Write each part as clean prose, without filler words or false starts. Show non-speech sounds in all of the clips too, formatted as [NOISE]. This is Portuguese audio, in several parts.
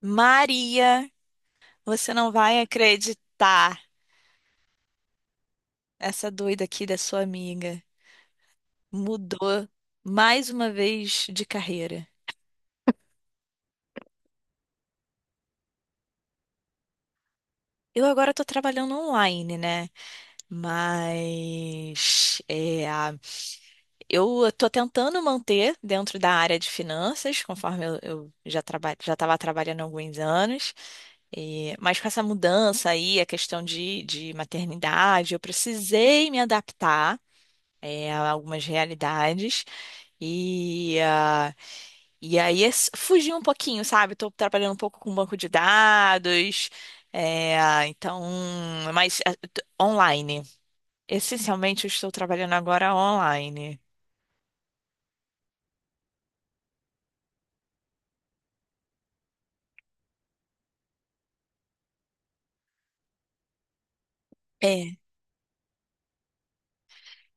Maria, você não vai acreditar. Essa doida aqui da sua amiga mudou mais uma vez de carreira. Eu agora tô trabalhando online, né? Mas eu tô tentando manter dentro da área de finanças, conforme eu já traba, já estava trabalhando há alguns anos. E- mas com essa mudança aí, a questão de maternidade, eu precisei me adaptar a algumas realidades. E, ah, e aí é s- fugir um pouquinho, sabe? Estou trabalhando um pouco com banco de dados, é, então, t- online. Essencialmente, eu estou trabalhando agora online. É,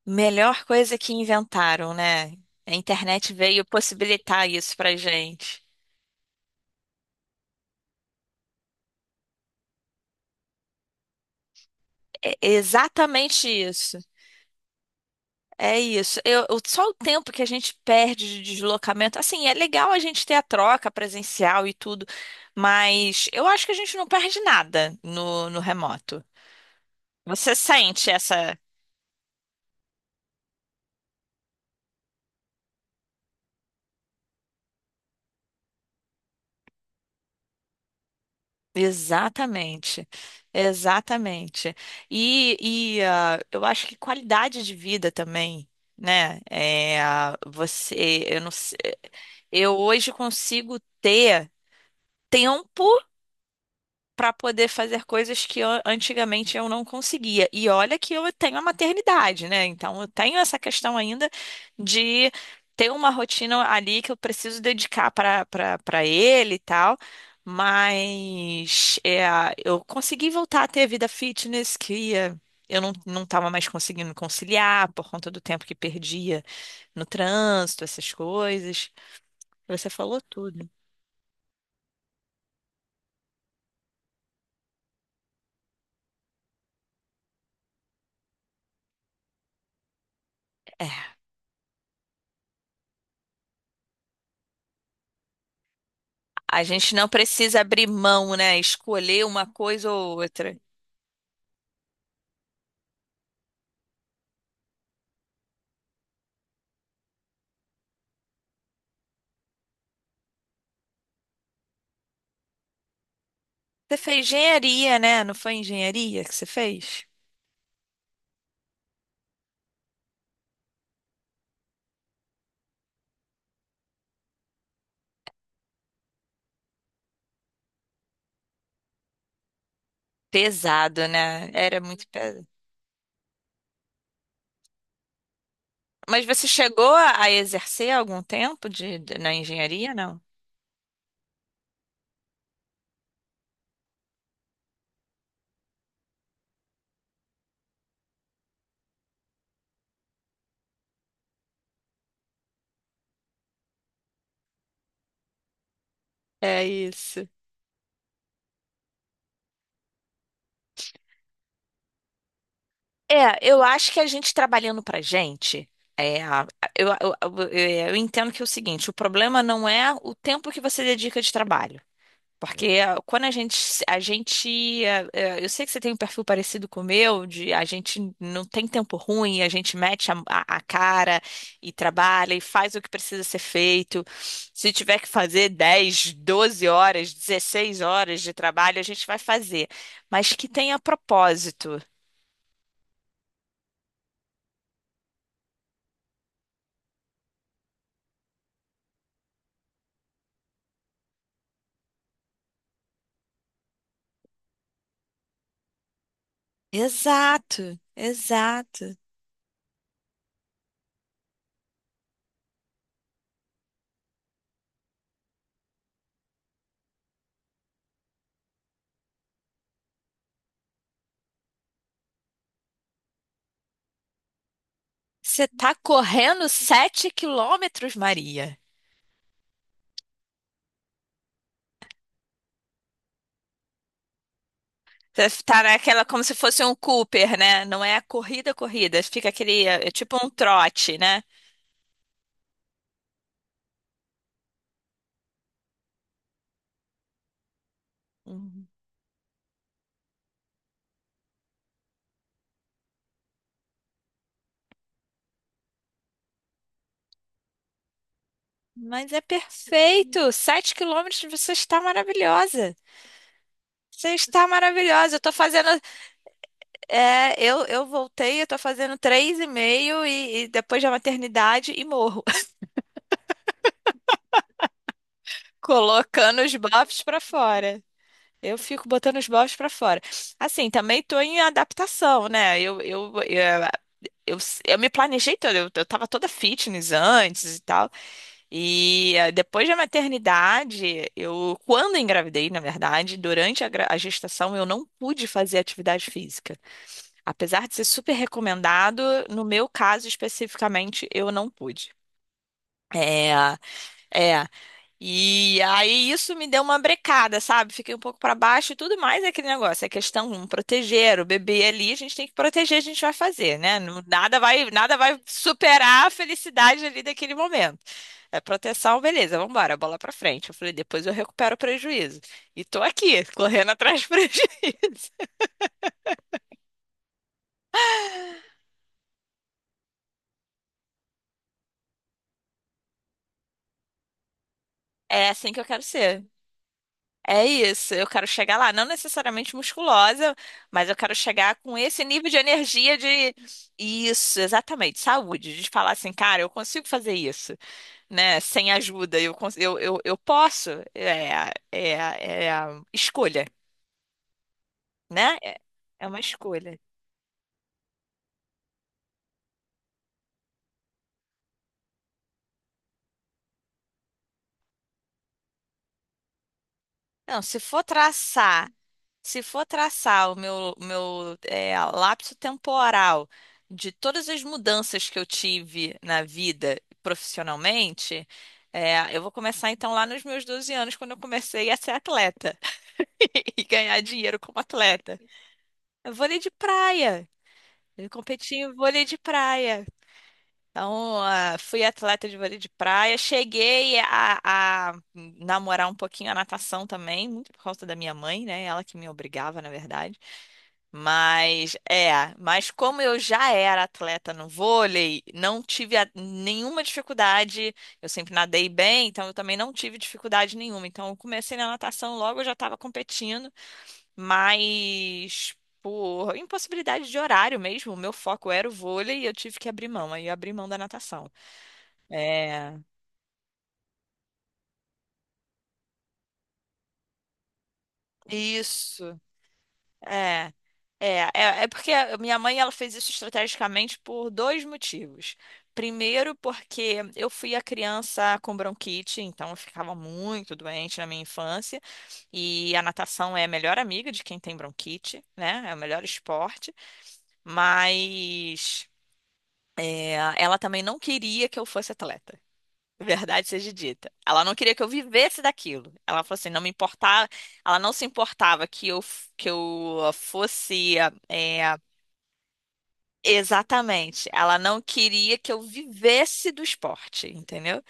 melhor coisa que inventaram, né? A internet veio possibilitar isso pra gente. É exatamente isso. É isso. Eu- só o tempo que a gente perde de deslocamento. Assim, é legal a gente ter a troca presencial e tudo, mas eu acho que a gente não perde nada no remoto. Você sente essa. Exatamente. Exatamente. E, eu acho que qualidade de vida também, né? Você, eu não sei. Eu hoje consigo ter tempo para poder fazer coisas que eu- antigamente eu não conseguia. E olha que eu tenho a maternidade, né? Então eu tenho essa questão ainda de ter uma rotina ali que eu preciso dedicar para ele e tal. Mas é, eu consegui voltar a ter vida fitness que eu não estava mais conseguindo conciliar por conta do tempo que perdia no trânsito, essas coisas. Você falou tudo. A gente não precisa abrir mão, né? Escolher uma coisa ou outra. Você fez engenharia, né? Não foi engenharia que você fez? Pesado, né? Era muito pesado. Mas você chegou a exercer algum tempo de- na engenharia, não? É isso. É, eu acho que a gente trabalhando pra gente, é, a- eu, eu, eu, eu entendo que é o seguinte, o problema não é o tempo que você dedica de trabalho. Porque quando a gente, eu sei que você tem um perfil parecido com o meu, de a gente não tem tempo ruim, a gente mete a cara e trabalha e faz o que precisa ser feito. Se tiver que fazer 10 12 horas, 16 horas de trabalho, a gente vai fazer, mas que tenha propósito. Exato, exato. Você tá correndo 7 km, Maria. Tá naquela como se fosse um Cooper, né? Não é a corrida, corrida. Fica aquele, é tipo um trote, né? Uhum. Mas é perfeito. 7 km, você está maravilhosa. Você está maravilhosa. Eu tô fazendo, eu voltei, eu tô fazendo três e meio e depois da maternidade e morro, [LAUGHS] colocando os bofs para fora. Eu fico botando os bofs para fora. Assim, também tô em adaptação, né? Eu me planejei toda, eu tava toda fitness antes e tal. Depois da maternidade, eu, quando engravidei, na verdade, durante a gestação, eu não pude fazer atividade física. Apesar de ser super recomendado, no meu caso especificamente, eu não pude. É, é, e aí isso me deu uma brecada, sabe? Fiquei um pouco para baixo e tudo mais é aquele negócio. É questão um, proteger o bebê ali, a gente tem que proteger, a gente vai fazer, né? Não- Nada vai superar a felicidade ali daquele momento. É proteção, beleza, vamos embora, bola para frente. Eu falei, depois eu recupero o prejuízo. E tô aqui, correndo atrás do [LAUGHS] prejuízo. É assim que eu quero ser. É isso, eu quero chegar lá, não necessariamente musculosa, mas eu quero chegar com esse nível de energia de isso, exatamente, saúde, de falar assim, cara, eu consigo fazer isso, né? Sem ajuda, eu cons- eu posso, é a escolha, né? É uma escolha. Não, se for traçar. Se for traçar o meu, meu lapso temporal de todas as mudanças que eu tive na vida profissionalmente, eu vou começar então lá nos meus 12 anos, quando eu comecei a ser atleta [LAUGHS] e ganhar dinheiro como atleta. É vôlei de praia. Eu competi em vôlei de praia. Então, fui atleta de vôlei de praia. Cheguei a namorar um pouquinho a natação também, muito por causa da minha mãe, né? Ela que me obrigava, na verdade. Mas como eu já era atleta no vôlei, não tive a- nenhuma dificuldade. Eu sempre nadei bem, então eu também não tive dificuldade nenhuma. Então eu comecei na natação logo, eu já estava competindo, mas por impossibilidade de horário mesmo, o meu foco era o vôlei e eu tive que abrir mão. Aí eu abri mão da natação. É. Isso. É, é, é porque a minha mãe ela fez isso estrategicamente por dois motivos. Primeiro, porque eu fui a criança com bronquite, então eu ficava muito doente na minha infância, e a natação é a melhor amiga de quem tem bronquite, né? É o melhor esporte, mas é, ela também não queria que eu fosse atleta. Verdade seja dita. Ela não queria que eu vivesse daquilo. Ela falou assim, não me importava, ela não se importava que eu, f- que eu fosse, é, exatamente. Ela não queria que eu vivesse do esporte, entendeu?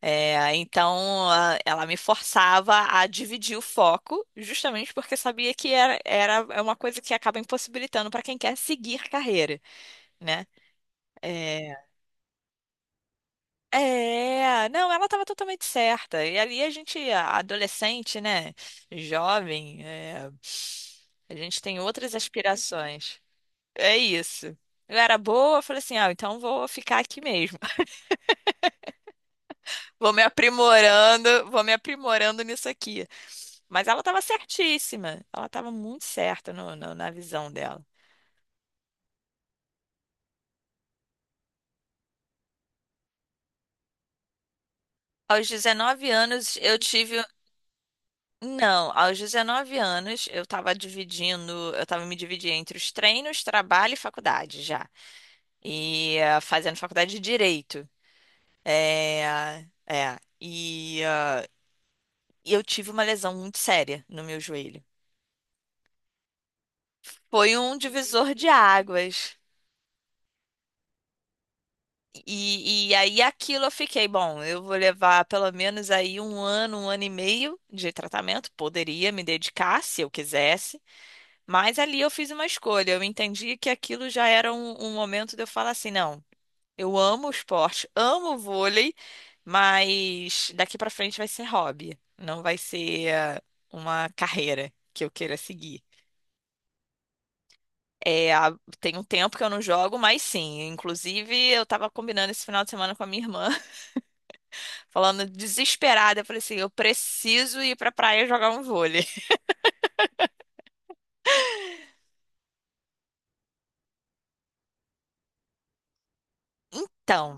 É, então, a- ela me forçava a dividir o foco, justamente porque sabia que era, é uma coisa que acaba impossibilitando para quem quer seguir carreira, né? Eh, É, não, ela estava totalmente certa. E ali a gente, a- adolescente, né? Jovem, é, a gente tem outras aspirações. É isso. Eu era boa, eu falei assim, ah, então vou ficar aqui mesmo. [LAUGHS] Vou me aprimorando nisso aqui. Mas ela estava certíssima. Ela estava muito certa na visão dela. Aos 19 anos, eu tive. Não, aos 19 anos eu estava dividindo, eu estava me dividindo entre os treinos, trabalho e faculdade já. Fazendo faculdade de direito. É, é, e eh, e eu tive uma lesão muito séria no meu joelho. Foi um divisor de águas. E aí aquilo eu fiquei, bom, eu vou levar pelo menos aí um ano e meio de tratamento, poderia me dedicar se eu quisesse. Mas ali eu fiz uma escolha. Eu entendi que aquilo já era um momento de eu falar assim: não, eu amo o esporte, amo o vôlei, mas daqui pra frente vai ser hobby, não vai ser uma carreira que eu queira seguir. É, há- tem um tempo que eu não jogo, mas sim. Inclusive, eu tava combinando esse final de semana com a minha irmã, [LAUGHS] falando desesperada. Eu falei assim: eu preciso ir pra praia jogar um vôlei. [LAUGHS] Então.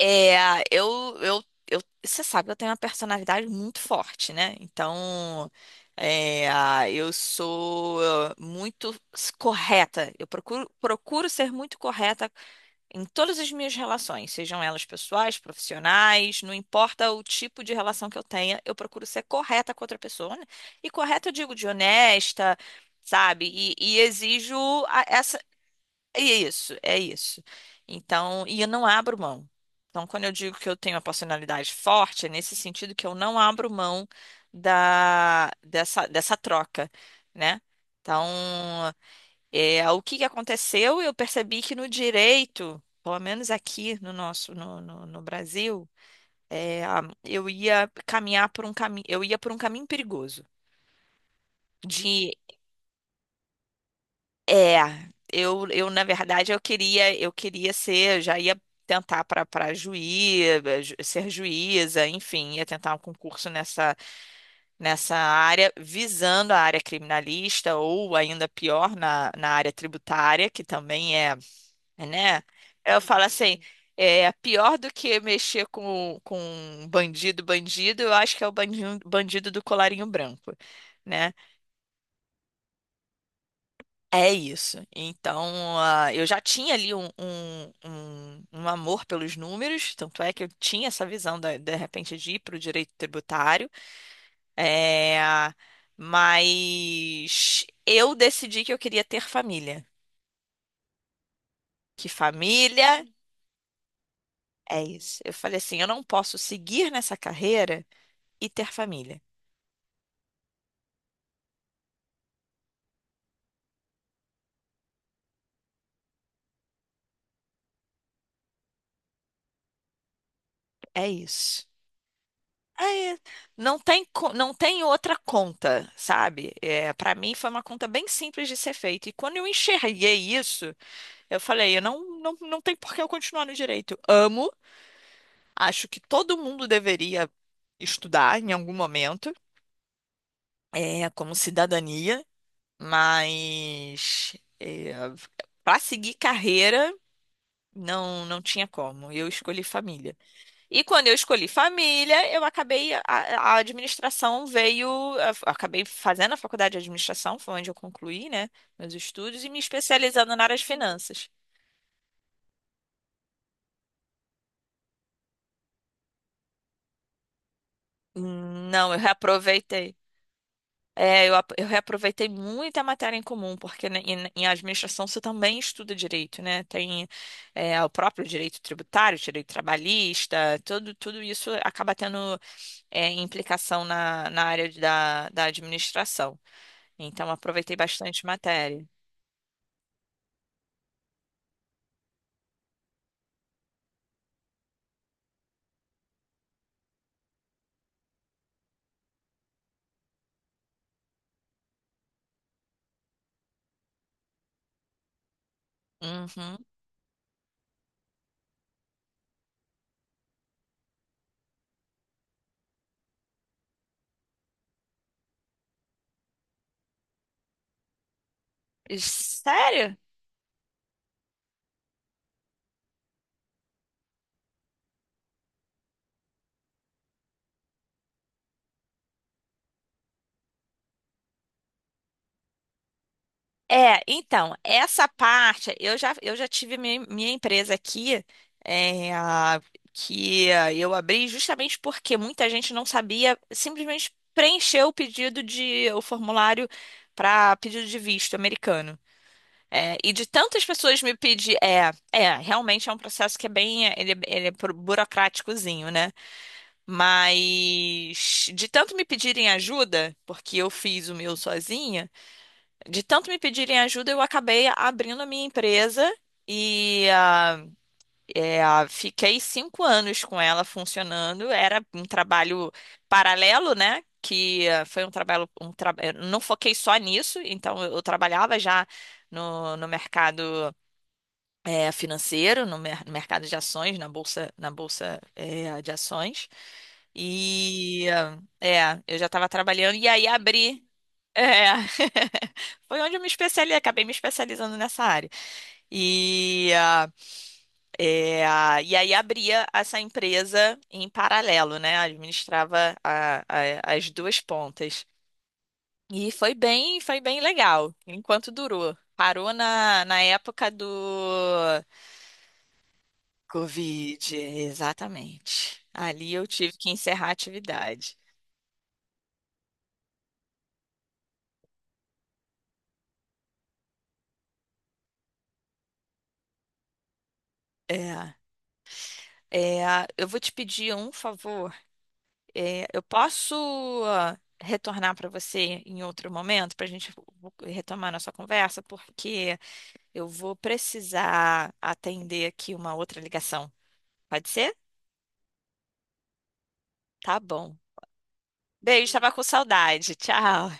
É, eu, você sabe, eu tenho uma personalidade muito forte, né? Então, é, eu sou muito correta. Procuro ser muito correta em todas as minhas relações, sejam elas pessoais, profissionais, não importa o tipo de relação que eu tenha, eu procuro ser correta com outra pessoa, né? E correta, eu digo, de honesta, sabe? E exijo é isso, é isso. Então, e eu não abro mão. Então, quando eu digo que eu tenho uma personalidade forte, é nesse sentido que eu não abro mão dessa troca, né? Então, é, o que que aconteceu? Eu percebi que no direito, pelo menos aqui no nosso, no, no, no Brasil, eu ia caminhar por um caminho, eu ia por um caminho perigoso de. É, eu na verdade eu queria Eu queria ser, eu já ia tentar para juiz, ser juíza, enfim, ia tentar um concurso nessa área, visando a área criminalista ou ainda pior na área tributária, que também é, né? Eu falo assim, é pior do que mexer com um bandido, bandido, eu acho que é o bandido, bandido do colarinho branco, né? É isso. Então, eu já tinha ali um amor pelos números, tanto é que eu tinha essa visão da- de repente de ir para o direito tributário. É, mas eu decidi que eu queria ter família. Que família é isso. Eu falei assim: eu não posso seguir nessa carreira e ter família. É isso. É, não tem, co- não tem outra conta, sabe? É, para mim foi uma conta bem simples de ser feita. E quando eu enxerguei isso, eu falei, eu não, não, não tem por que eu continuar no direito. Amo, acho que todo mundo deveria estudar em algum momento, é, como cidadania, mas é, para seguir carreira, não, não tinha como. Eu escolhi família. E quando eu escolhi família, eu acabei, a administração veio, eu acabei fazendo a faculdade de administração, foi onde eu concluí, né, meus estudos, e me especializando na área de finanças. Não, eu reaproveitei. Eu reaproveitei muita matéria em comum, porque né, em administração você também estuda direito, né? Tem o próprio direito tributário, direito trabalhista, tudo isso acaba tendo implicação na, na área de- da, da administração. Então aproveitei bastante matéria. Uhum. Sério? É, então, essa parte, eu já tive minha empresa aqui, é, a- que eu abri justamente porque muita gente não sabia, simplesmente preencher o pedido de o formulário para pedido de visto americano. É, e de tantas pessoas me pedir, realmente é um processo que é bem, ele é pro- burocráticozinho, né? Mas de tanto me pedirem ajuda, porque eu fiz o meu sozinha, de tanto me pedirem ajuda, eu acabei abrindo a minha empresa e fiquei 5 anos com ela funcionando. Era um trabalho paralelo, né? Foi um trabalho, um tra... eu não foquei só nisso, então eu trabalhava já no mercado financeiro, no mer- mercado de ações, na bolsa é, de ações. E eu já estava trabalhando e aí abri. É, [LAUGHS] foi onde eu me especializei, acabei me especializando nessa área. E, ah, e aí abria essa empresa em paralelo, né? Administrava as duas pontas. E foi bem legal, enquanto durou. Parou na época do Covid, exatamente. Ali eu tive que encerrar a atividade. É, eu vou te pedir um favor. É, eu posso retornar para você em outro momento para a gente retomar nossa conversa, porque eu vou precisar atender aqui uma outra ligação. Pode ser? Tá bom. Beijo, estava com saudade. Tchau.